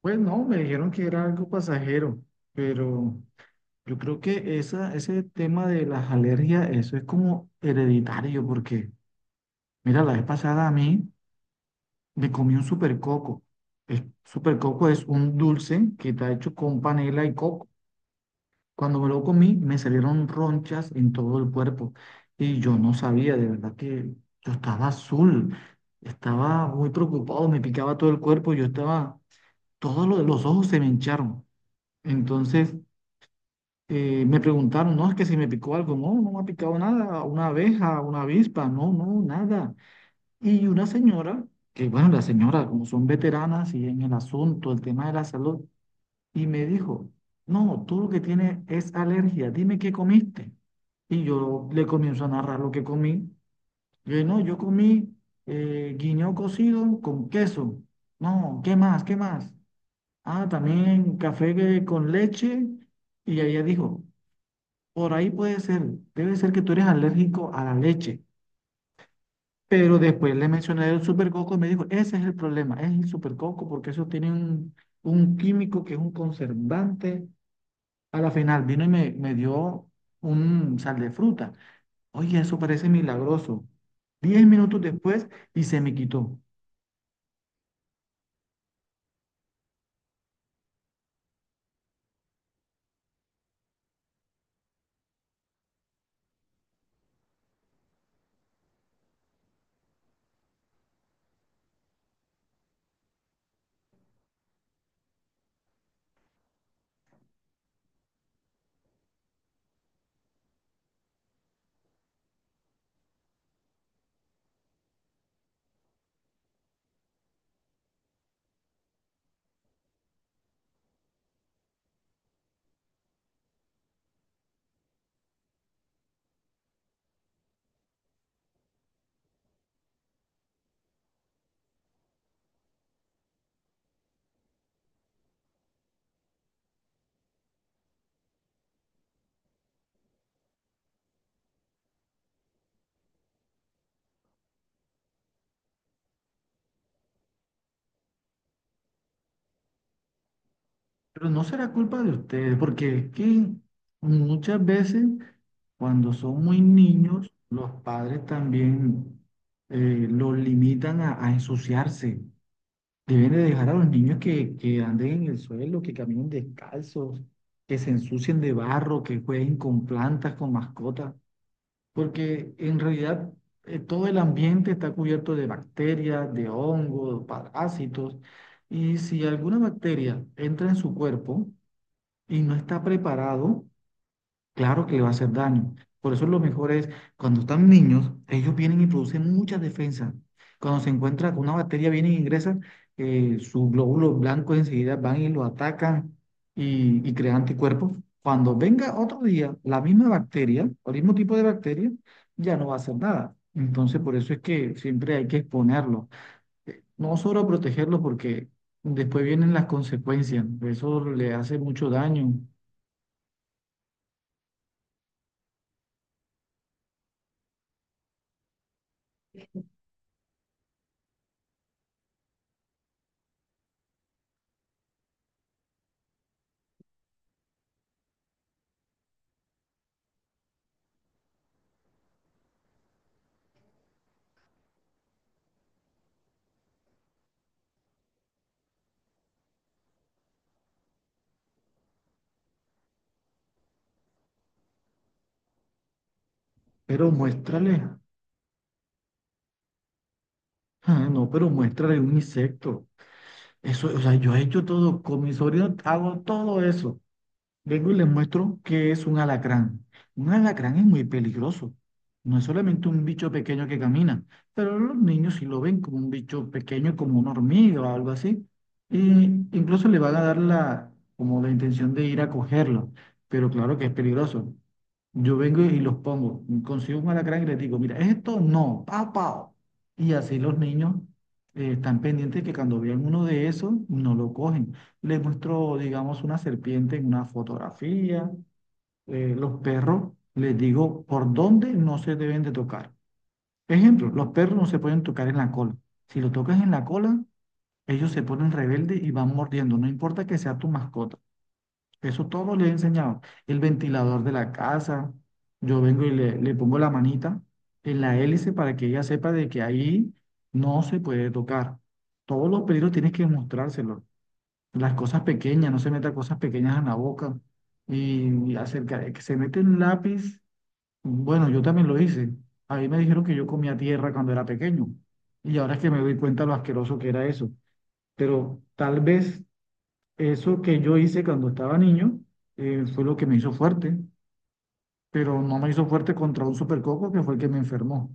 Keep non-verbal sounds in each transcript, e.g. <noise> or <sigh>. Pues no, me dijeron que era algo pasajero, pero yo creo que ese tema de las alergias, eso es como hereditario, porque mira, la vez pasada a mí me comí un supercoco. El supercoco es un dulce que está hecho con panela y coco. Cuando me lo comí, me salieron ronchas en todo el cuerpo y yo no sabía, de verdad que yo estaba azul, estaba muy preocupado, me picaba todo el cuerpo, yo estaba, todos los ojos se me hincharon. Entonces, me preguntaron, no, es que si me picó algo, no, no me ha picado nada, una abeja, una avispa, no, no, nada. Y una señora, que bueno, la señora, como son veteranas y en el asunto, el tema de la salud, y me dijo, no, tú lo que tienes es alergia, dime qué comiste. Y yo le comienzo a narrar lo que comí. Yo, no, yo comí guineo cocido con queso. No, ¿qué más? ¿Qué más? Ah, también café con leche. Y ella dijo, por ahí puede ser, debe ser que tú eres alérgico a la leche. Pero después le mencioné el supercoco y me dijo, ese es el problema, es el supercoco, porque eso tiene un químico que es un conservante. A la final vino y me dio un sal de fruta. Oye, eso parece milagroso. 10 minutos después, y se me quitó. Pero no será culpa de ustedes, porque es que muchas veces cuando son muy niños, los padres también los limitan a ensuciarse. Deben de dejar a los niños que anden en el suelo, que caminen descalzos, que se ensucien de barro, que jueguen con plantas, con mascotas, porque en realidad todo el ambiente está cubierto de bacterias, de hongos, parásitos, y si alguna bacteria entra en su cuerpo, y no está preparado, claro que le va a hacer daño. Por eso lo mejor es, cuando están niños, ellos vienen y producen muchas defensas. Cuando se encuentra con una bacteria, vienen e ingresan, sus glóbulos blancos enseguida van y lo atacan y crean anticuerpos. Cuando venga otro día la misma bacteria, o el mismo tipo de bacteria, ya no va a hacer nada. Entonces, por eso es que siempre hay que exponerlo. No solo protegerlo porque después vienen las consecuencias. Eso le hace mucho daño. Pero muéstrale, ah, no, pero muéstrale un insecto. Eso, o sea, yo he hecho todo, con mi sobrino hago todo eso. Vengo y les muestro que es un alacrán. Un alacrán es muy peligroso. No es solamente un bicho pequeño que camina, pero los niños sí lo ven como un bicho pequeño, como una hormiga o algo así. Y incluso le van a dar la, como la intención de ir a cogerlo. Pero claro que es peligroso. Yo vengo y los pongo, consigo un alacrán y les digo, mira, esto no, pao, pao. Y así los niños están pendientes que cuando vean uno de esos, no lo cogen. Les muestro, digamos, una serpiente en una fotografía. Los perros, les digo, por dónde no se deben de tocar. Ejemplo, los perros no se pueden tocar en la cola. Si lo tocas en la cola, ellos se ponen rebeldes y van mordiendo, no importa que sea tu mascota. Eso todo le he enseñado. El ventilador de la casa, yo vengo y le pongo la manita en la hélice para que ella sepa de que ahí no se puede tocar. Todos los peligros tienes que mostrárselo. Las cosas pequeñas, no se meta cosas pequeñas en la boca. Y acerca de que se mete un lápiz, bueno, yo también lo hice. A mí me dijeron que yo comía tierra cuando era pequeño. Y ahora es que me doy cuenta lo asqueroso que era eso. Pero tal vez eso que yo hice cuando estaba niño fue lo que me hizo fuerte, pero no me hizo fuerte contra un supercoco que fue el que me enfermó.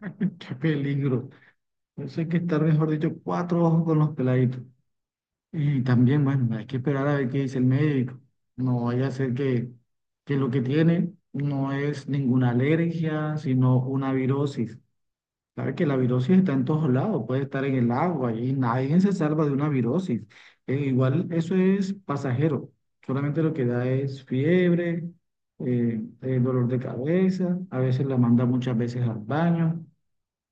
<laughs> ¡Qué peligro! Eso hay que estar, mejor dicho, cuatro ojos con los peladitos. Y también, bueno, hay que esperar a ver qué dice el médico. No vaya a ser que lo que tiene no es ninguna alergia, sino una virosis. Sabe que la virosis está en todos lados, puede estar en el agua y nadie se salva de una virosis. Igual eso es pasajero, solamente lo que da es fiebre, dolor de cabeza, a veces la manda muchas veces al baño.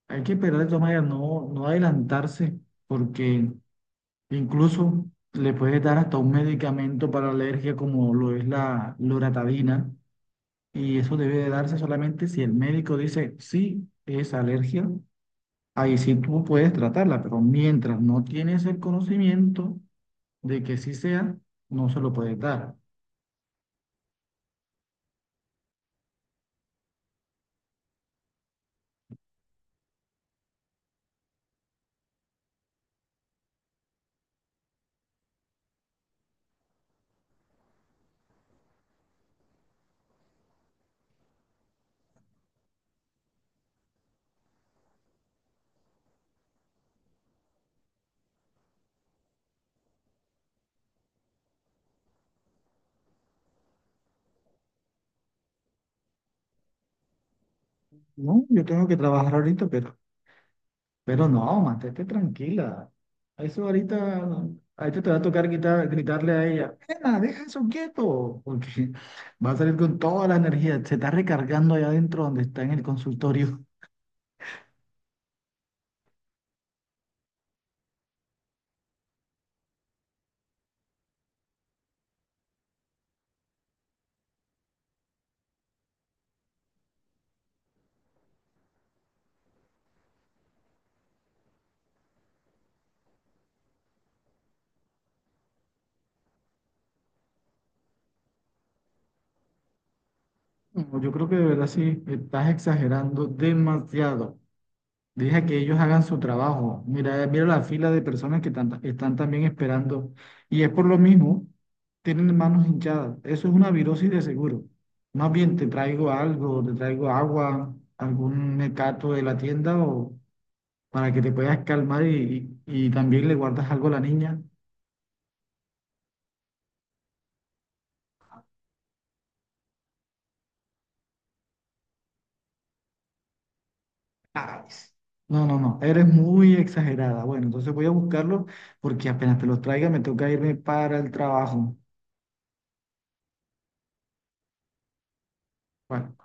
Hay que esperar de todas maneras, no, no adelantarse, porque incluso le puede dar hasta un medicamento para alergia como lo es la loratadina, y eso debe de darse solamente si el médico dice, sí, es alergia. Ahí sí tú puedes tratarla, pero mientras no tienes el conocimiento de que sí sea, no se lo puedes dar. No, yo tengo que trabajar ahorita, pero no, mantente tranquila. Eso ahorita, ahorita te va a tocar gritarle a ella, Elena, deja eso quieto, porque <laughs> va a salir con toda la energía, se está recargando allá adentro donde está en el consultorio. <laughs> No, yo creo que de verdad sí, estás exagerando demasiado. Deja que ellos hagan su trabajo. Mira, mira la fila de personas que están también esperando. Y es por lo mismo, tienen manos hinchadas. Eso es una virosis de seguro. Más bien te traigo algo, te traigo agua, algún mecato de la tienda o para que te puedas calmar y también le guardas algo a la niña. Ay, no, no, no, eres muy exagerada. Bueno, entonces voy a buscarlo porque apenas te los traiga me toca irme para el trabajo. Bueno,